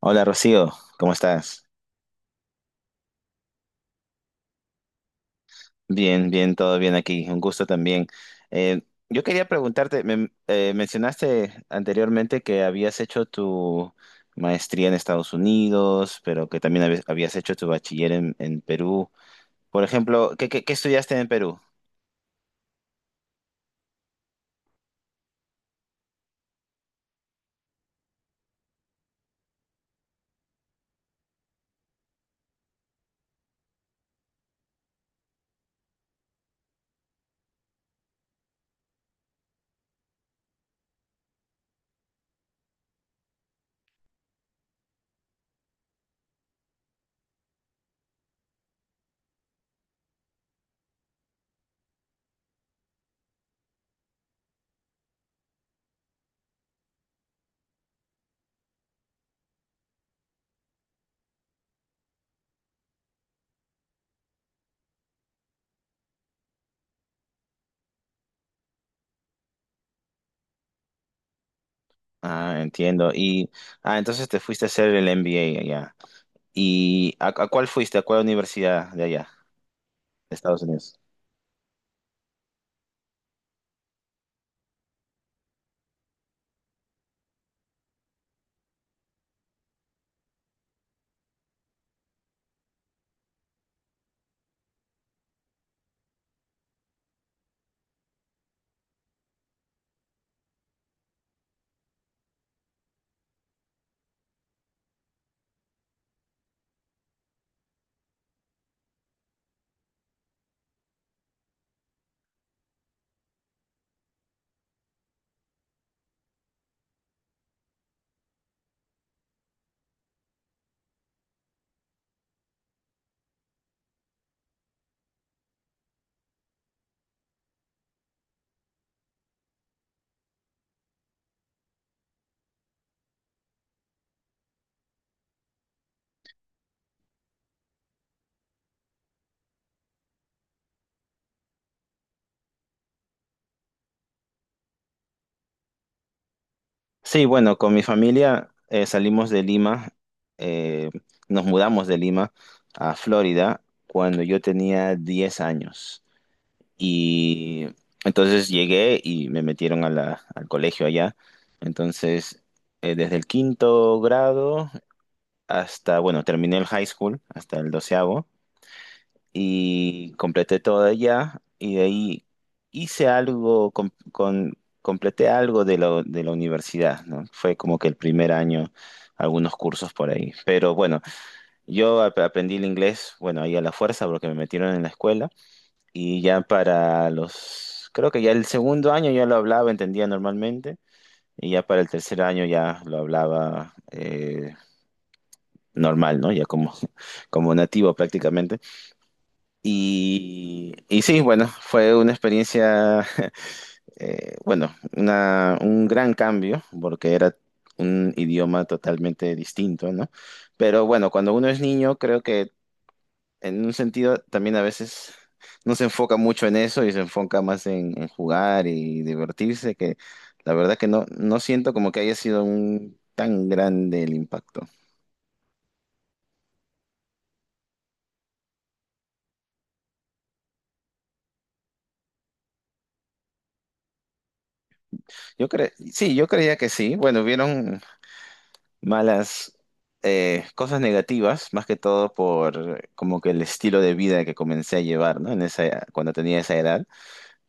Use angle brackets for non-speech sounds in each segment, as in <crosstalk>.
Hola Rocío, ¿cómo estás? Bien, bien, todo bien aquí. Un gusto también. Eh, yo quería preguntarte, mencionaste anteriormente que habías hecho tu maestría en Estados Unidos, pero que también habías hecho tu bachiller en Perú. Por ejemplo, ¿ qué estudiaste en Perú? Ah, entiendo. Entonces te fuiste a hacer el MBA allá. ¿Y a cuál fuiste? ¿A cuál universidad de allá, de Estados Unidos? Sí, bueno, con mi familia salimos de Lima, eh, nos mudamos de Lima a Florida cuando yo tenía 10 años. Y entonces llegué y me metieron a al colegio allá. Entonces, desde el quinto grado hasta, bueno, terminé el high school, hasta el doceavo y completé todo allá y de ahí hice completé algo de de la universidad, ¿no? Fue como que el primer año, algunos cursos por ahí. Pero bueno, yo aprendí el inglés, bueno, ahí a la fuerza porque me metieron en la escuela y ya para los, creo que ya el segundo año ya lo hablaba, entendía normalmente. Y ya para el tercer año ya lo hablaba normal, ¿no? Ya como, <laughs> como nativo prácticamente. Y sí, bueno, fue una experiencia, <laughs> un gran cambio, porque era un idioma totalmente distinto, ¿no? Pero bueno, cuando uno es niño, creo que en un sentido también a veces no se enfoca mucho en eso y se enfoca más en jugar y divertirse, que la verdad que no, no siento como que haya sido un tan grande el impacto. Yo cre Sí, yo creía que sí. Bueno, vieron malas cosas negativas, más que todo por como que el estilo de vida que comencé a llevar, ¿no? En esa, cuando tenía esa edad.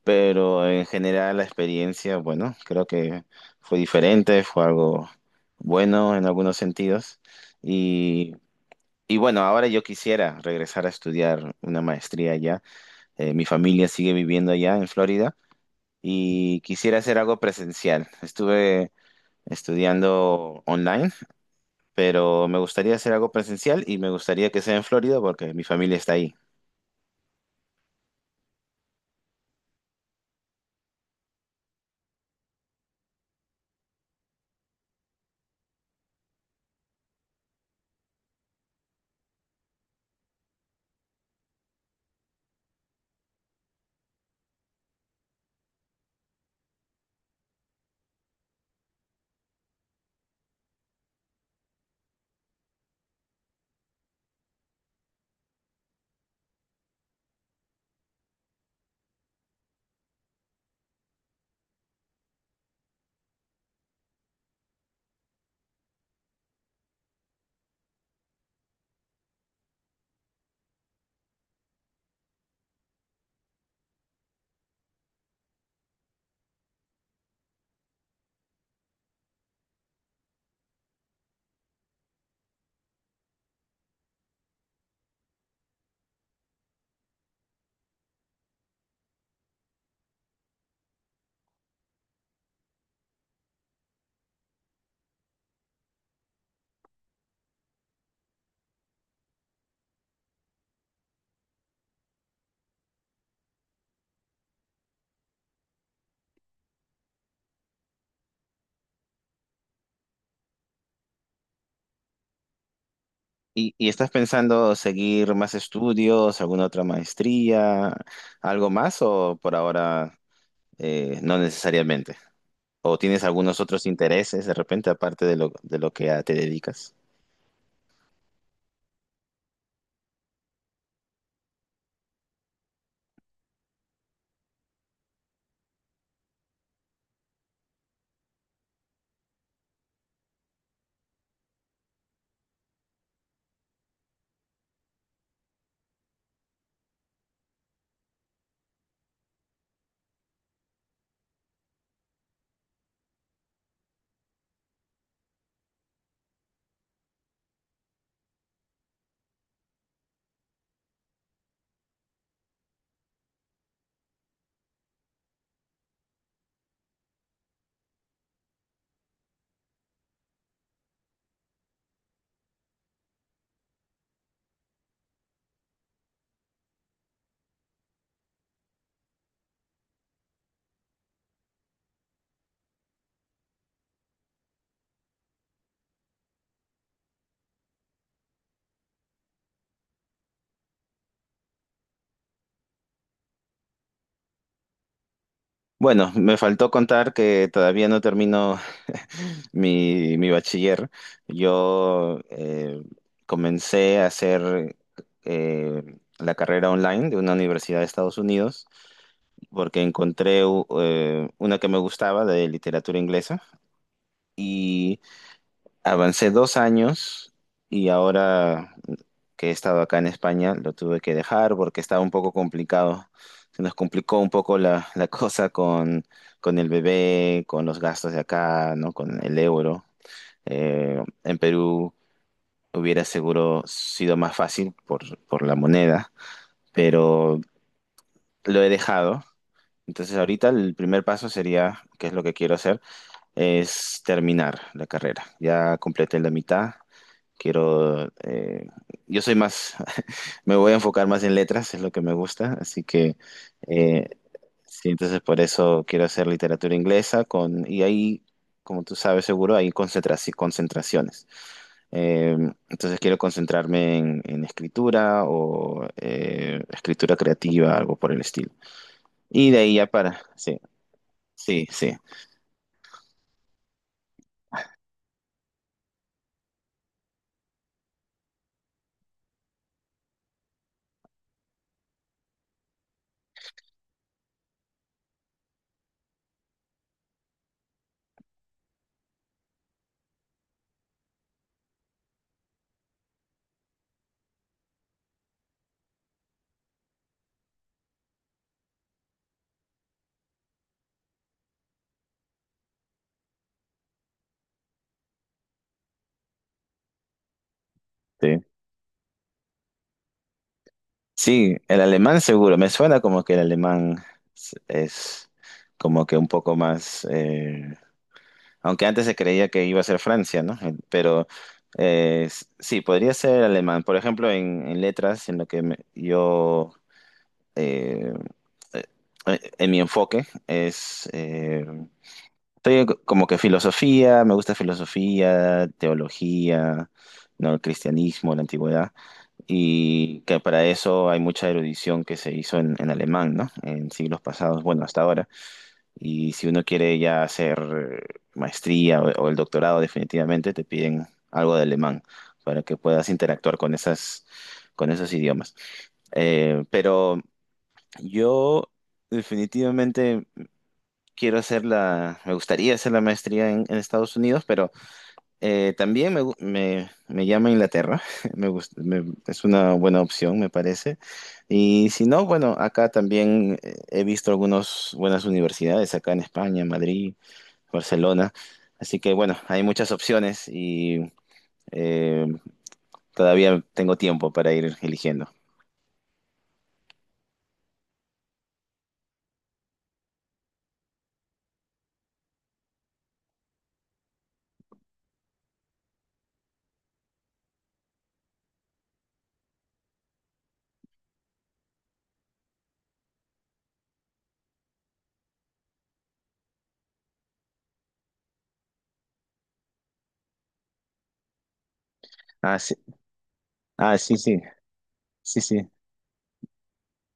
Pero en general la experiencia, bueno, creo que fue diferente, fue algo bueno en algunos sentidos. Y, y bueno, ahora yo quisiera regresar a estudiar una maestría allá. Mi familia sigue viviendo allá en Florida y quisiera hacer algo presencial. Estuve estudiando online, pero me gustaría hacer algo presencial y me gustaría que sea en Florida porque mi familia está ahí. Y estás pensando seguir más estudios, alguna otra maestría, algo más o por ahora no necesariamente? ¿O tienes algunos otros intereses de repente aparte de lo que ya te dedicas? Bueno, me faltó contar que todavía no termino <laughs> mi bachiller. Yo comencé a hacer la carrera online de una universidad de Estados Unidos porque encontré una que me gustaba de literatura inglesa. y Avancé 2 años y ahora que he estado acá en España lo tuve que dejar porque estaba un poco complicado. Se nos complicó un poco la <laughs> cosa con el bebé, con los gastos de acá, ¿no? Con el euro. En Perú hubiera seguro sido más fácil por la moneda, pero lo he dejado. Entonces ahorita el primer paso sería, que es lo que quiero hacer, es terminar la carrera. Ya completé la mitad. Quiero, eh, yo soy más, <laughs> me voy a enfocar más en letras, es lo que me gusta, así que eh, sí, entonces por eso quiero hacer literatura inglesa y ahí, como tú sabes seguro, hay concentraciones. Eh, entonces quiero concentrarme en escritura o escritura creativa, algo por el estilo. Y de ahí ya para, sí, sí, sí. Sí. Sí, el alemán seguro. Me suena como que el alemán es como que un poco más, aunque antes se creía que iba a ser Francia, ¿no? Pero sí, podría ser alemán. Por ejemplo, en letras, en lo que eh, eh, en mi enfoque es, estoy como que filosofía, me gusta filosofía, teología, ¿no? El cristianismo, la antigüedad y que para eso hay mucha erudición que se hizo en alemán, ¿no? En siglos pasados, bueno, hasta ahora. Y si uno quiere ya hacer maestría o el doctorado, definitivamente te piden algo de alemán para que puedas interactuar con esas, con esos idiomas. Pero yo definitivamente quiero hacer la, me gustaría hacer la maestría en Estados Unidos, pero también me llama Inglaterra, <laughs> me gusta, es una buena opción, me parece. Y si no, bueno, acá también he visto algunas buenas universidades, acá en España, en Madrid, Barcelona. Así que bueno, hay muchas opciones y eh, todavía tengo tiempo para ir eligiendo. Ah, sí, ah, sí, sí, sí, sí.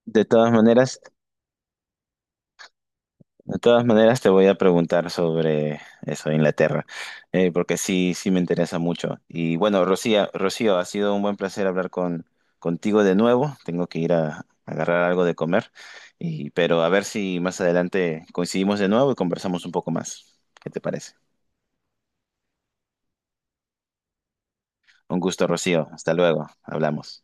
De todas maneras. De todas maneras, te voy a preguntar sobre eso, Inglaterra, porque sí, sí me interesa mucho. Y bueno, Rocío, ha sido un buen placer hablar contigo de nuevo. Tengo que ir a agarrar algo de comer, y, pero a ver si más adelante coincidimos de nuevo y conversamos un poco más. ¿Qué te parece? Un gusto, Rocío. Hasta luego. Hablamos.